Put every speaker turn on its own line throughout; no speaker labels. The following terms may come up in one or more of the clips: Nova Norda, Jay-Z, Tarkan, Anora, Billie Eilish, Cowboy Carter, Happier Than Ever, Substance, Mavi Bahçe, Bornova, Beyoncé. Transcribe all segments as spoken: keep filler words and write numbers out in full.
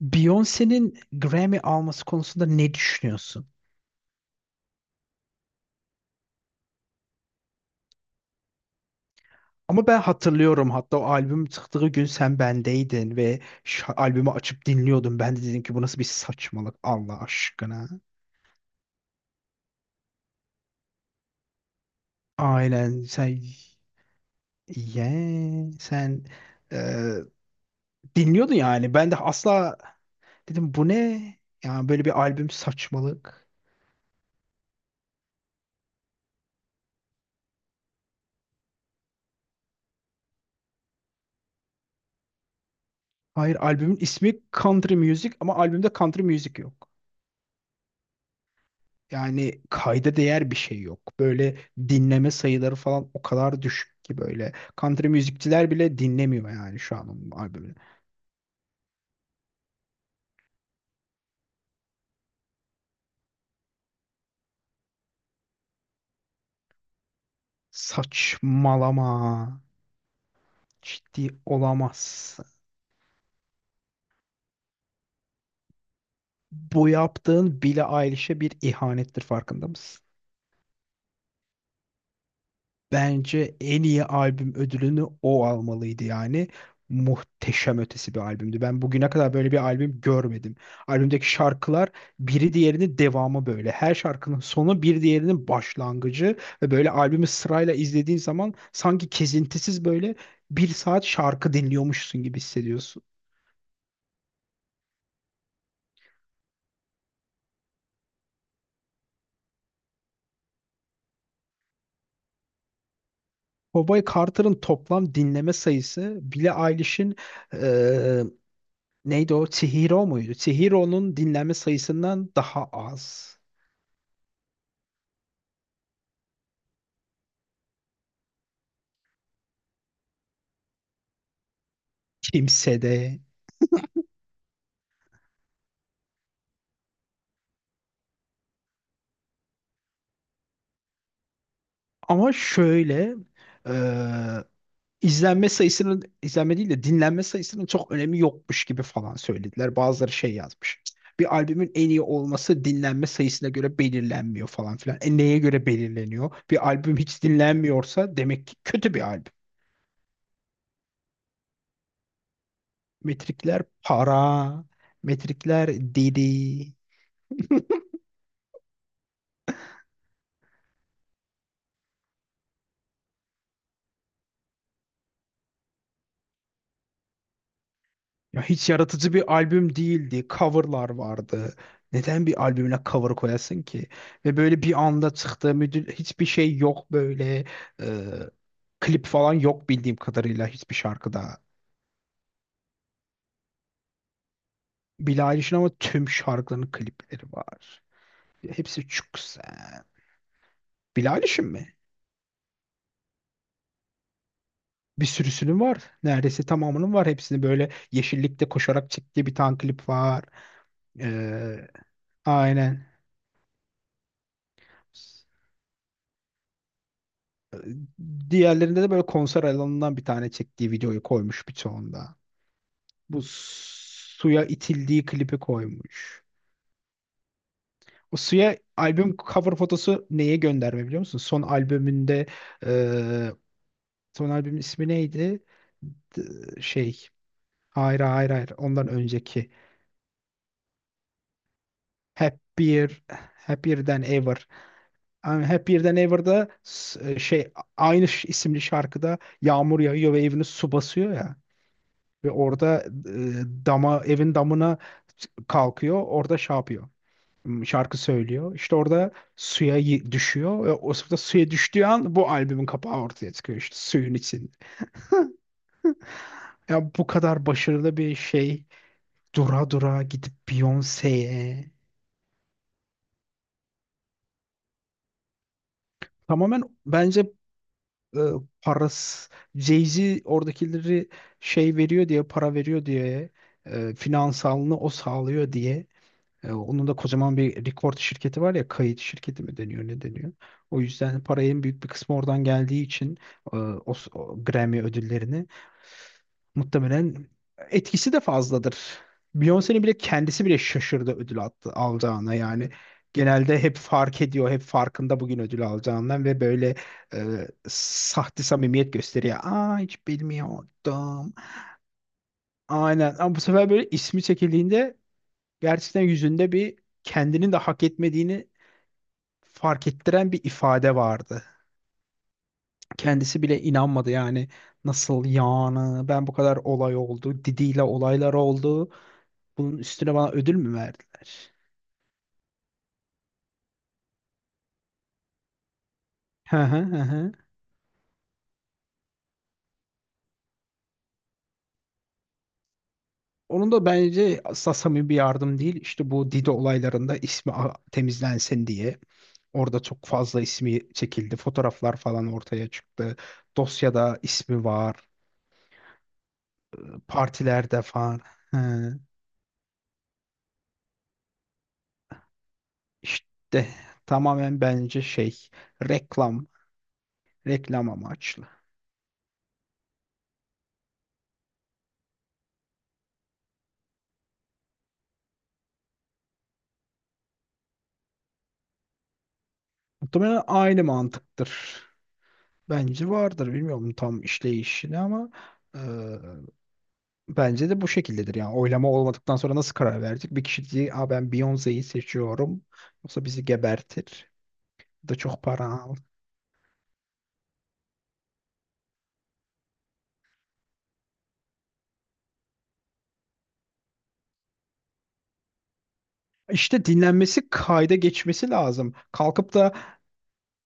Beyoncé'nin Grammy alması konusunda ne düşünüyorsun? Ama ben hatırlıyorum, hatta o albüm çıktığı gün sen bendeydin ve şu albümü açıp dinliyordum. Ben de dedim ki bu nasıl bir saçmalık Allah aşkına. Aynen sen ye sen e, dinliyordun yani. Ben de asla dedim bu ne? Yani böyle bir albüm saçmalık. Hayır, albümün ismi Country Music ama albümde country music yok. Yani kayda değer bir şey yok. Böyle dinleme sayıları falan o kadar düşük ki böyle. Country müzikçiler bile dinlemiyor yani şu an onun albümünü. Saçmalama. Ciddi olamazsın. Bu yaptığın Billie Eilish'e bir ihanettir, farkında mısın? Bence en iyi albüm ödülünü o almalıydı yani. Muhteşem ötesi bir albümdü. Ben bugüne kadar böyle bir albüm görmedim. Albümdeki şarkılar biri diğerinin devamı böyle. Her şarkının sonu bir diğerinin başlangıcı ve böyle albümü sırayla izlediğin zaman sanki kesintisiz böyle bir saat şarkı dinliyormuşsun gibi hissediyorsun. Cowboy Carter'ın toplam dinleme sayısı Billie Eilish'in eee, neydi o? Chihiro muydu? Chihiro'nun dinlenme sayısından daha az. Kimsede. Ama şöyle e, izlenme sayısının, izlenme değil de dinlenme sayısının çok önemi yokmuş gibi falan söylediler. Bazıları şey yazmış. Bir albümün en iyi olması dinlenme sayısına göre belirlenmiyor falan filan. E neye göre belirleniyor? Bir albüm hiç dinlenmiyorsa demek ki kötü bir albüm. Metrikler para, metrikler didi. Ya hiç yaratıcı bir albüm değildi. Coverlar vardı. Neden bir albümüne cover koyasın ki? Ve böyle bir anda çıktı. Müdür, hiçbir şey yok böyle. Ee, Klip falan yok bildiğim kadarıyla hiçbir şarkıda. Billie Eilish'in ama tüm şarkılarının klipleri var. Hepsi çok güzel. Billie Eilish'in mi? Bir sürüsünün var. Neredeyse tamamının var. Hepsini böyle yeşillikte koşarak çektiği bir tane klip var. Ee, aynen. Diğerlerinde de böyle konser alanından bir tane çektiği videoyu koymuş birçoğunda. Bu suya itildiği klipi koymuş. O suya albüm cover fotosu neye gönderme biliyor musun? Son albümünde e, son albümün ismi neydi? D- Şey hayır hayır hayır, ondan önceki Happier Happier Than Ever. Yani Happier Than Ever'da s- e, şey aynı ş- isimli şarkıda yağmur yağıyor ve evini su basıyor ya. Ve orada e, dama evin damına kalkıyor. Orada şey yapıyor. m, Şarkı söylüyor. İşte orada suya y- düşüyor. Ve o sırada suya düştüğü an bu albümün kapağı ortaya çıkıyor işte suyun içinde. Ya bu kadar başarılı bir şey dura dura gidip Beyoncé'ye tamamen bence e, parası Jay-Z oradakileri şey veriyor diye, para veriyor diye, e, finansalını o sağlıyor diye. E, onun da kocaman bir record şirketi var ya, kayıt şirketi mi deniyor ne deniyor. O yüzden parayın büyük bir kısmı oradan geldiği için e, o, o Grammy ödüllerini muhtemelen etkisi de fazladır. Beyoncé'nin bile, kendisi bile şaşırdı ödül attı, alacağına yani. Genelde hep fark ediyor, hep farkında bugün ödül alacağından ve böyle e, sahte samimiyet gösteriyor. Aa, hiç bilmiyordum. Aynen, ama bu sefer böyle ismi çekildiğinde gerçekten yüzünde bir kendinin de hak etmediğini fark ettiren bir ifade vardı. Kendisi bile inanmadı yani, nasıl yani, ben bu kadar olay oldu, Didi'yle olaylar oldu. Bunun üstüne bana ödül mü verdiler? Hı hı hı hı. Onun da bence asla samimi bir yardım değil. İşte bu Didi olaylarında ismi a- temizlensin diye. Orada çok fazla ismi çekildi. Fotoğraflar falan ortaya çıktı. Dosyada ismi var. Partilerde falan. Hı. İşte tamamen bence şey, reklam. Reklam amaçlı. Muhtemelen aynı mantıktır. Bence vardır. Bilmiyorum tam işleyişini ama e, bence de bu şekildedir. Yani oylama olmadıktan sonra nasıl karar verecek? Bir kişi diye, aa, ben Beyoncé'yi seçiyorum. Yoksa bizi gebertir. Bu da çok para al. İşte dinlenmesi, kayda geçmesi lazım. Kalkıp da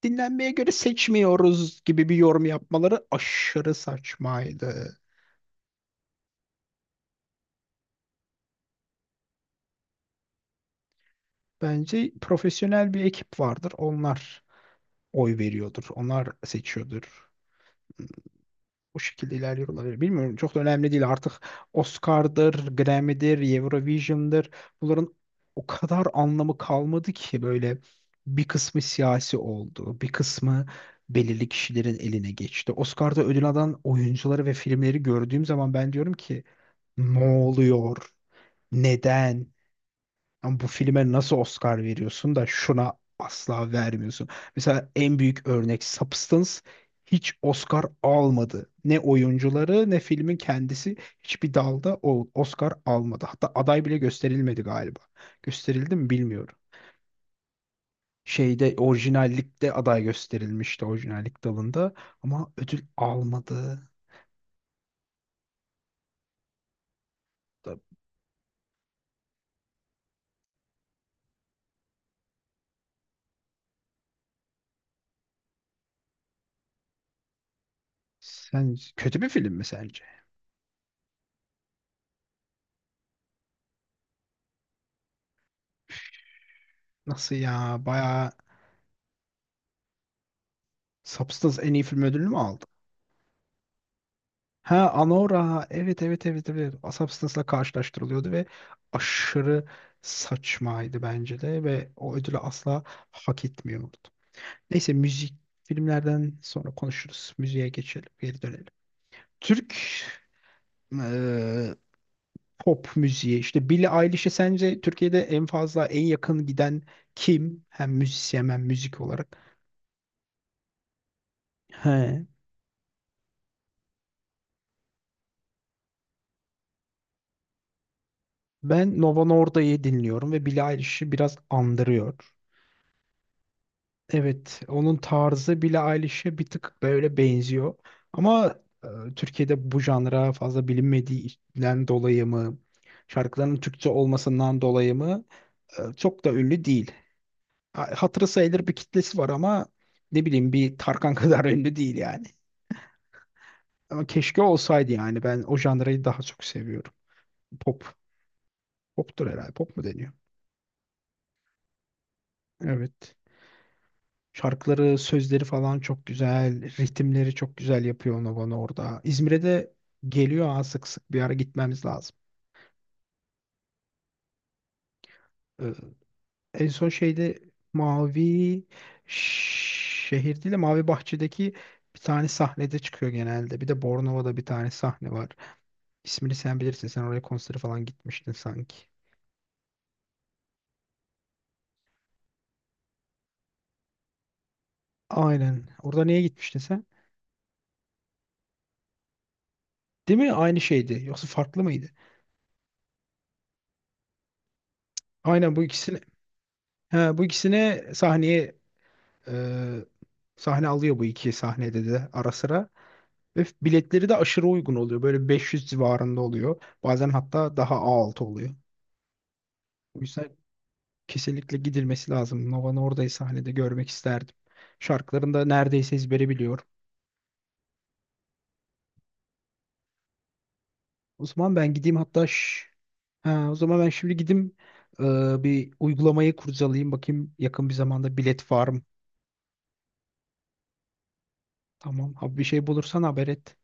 dinlenmeye göre seçmiyoruz gibi bir yorum yapmaları aşırı saçmaydı. Bence profesyonel bir ekip vardır. Onlar oy veriyordur. Onlar seçiyordur. Bu şekilde ilerliyor olabilir. Bilmiyorum, çok da önemli değil artık. Oscar'dır, Grammy'dir, Eurovision'dır. Bunların o kadar anlamı kalmadı ki böyle, bir kısmı siyasi oldu, bir kısmı belirli kişilerin eline geçti. Oscar'da ödül alan oyuncuları ve filmleri gördüğüm zaman ben diyorum ki ne oluyor? Neden? Ama bu filme nasıl Oscar veriyorsun da şuna asla vermiyorsun. Mesela en büyük örnek Substance hiç Oscar almadı. Ne oyuncuları ne filmin kendisi hiçbir dalda o Oscar almadı. Hatta aday bile gösterilmedi galiba. Gösterildi mi bilmiyorum. Şeyde, orijinallikte aday gösterilmişti, orijinallik dalında ama ödül almadı. Da- Sen kötü bir film mi sence? Nasıl ya? Bayağı Substance en iyi film ödülünü mü aldı? Ha, Anora, evet evet evet evet, Asap Sınıfı'la karşılaştırılıyordu ve aşırı saçmaydı bence de ve o ödülü asla hak etmiyordu. Neyse, müzik filmlerden sonra konuşuruz. Müziğe geçelim, geri dönelim. Türk eee, pop müziği, işte Billie Eilish'e sence Türkiye'de en fazla, en yakın giden kim? Hem müzisyen hem müzik olarak. He. Ben Nova Norda'yı dinliyorum ve Billie Eilish'i biraz andırıyor. Evet, onun tarzı Billie Eilish'e bir tık böyle benziyor. Ama e, Türkiye'de bu janra fazla bilinmediğinden dolayı mı, şarkılarının Türkçe olmasından dolayı mı e, çok da ünlü değil. Ha- Hatırı sayılır bir kitlesi var ama ne bileyim, bir Tarkan kadar ünlü değil yani. Ama keşke olsaydı, yani ben o janrayı daha çok seviyorum. Pop, poptur herhalde, pop mu deniyor? Evet. Şarkıları, sözleri falan çok güzel. Ritimleri çok güzel yapıyor onu orada. İzmir'e de geliyor, ha, sık sık bir ara gitmemiz lazım. Ee, en son şeyde Mavi Şehir değil de Mavi Bahçe'deki bir tane sahnede çıkıyor genelde. Bir de Bornova'da bir tane sahne var. İsmini sen bilirsin. Sen oraya konsere falan gitmiştin sanki. Aynen. Orada niye gitmiştin sen? Değil mi? Aynı şeydi. Yoksa farklı mıydı? Aynen, bu ikisini. He, bu ikisini sahneye Ee, sahne alıyor bu iki sahnede de ara sıra. Ve biletleri de aşırı uygun oluyor. Böyle beş yüz civarında oluyor. Bazen hatta daha A altı oluyor. O yüzden kesinlikle gidilmesi lazım. Nova'nı oradayı sahnede görmek isterdim. Şarkılarını da neredeyse ezbere biliyorum. O zaman ben gideyim, hatta ş- ha, o zaman ben şimdi gideyim e, bir uygulamayı kurcalayayım, bakayım yakın bir zamanda bilet var mı? Tamam. Abi, bir şey bulursan haber et.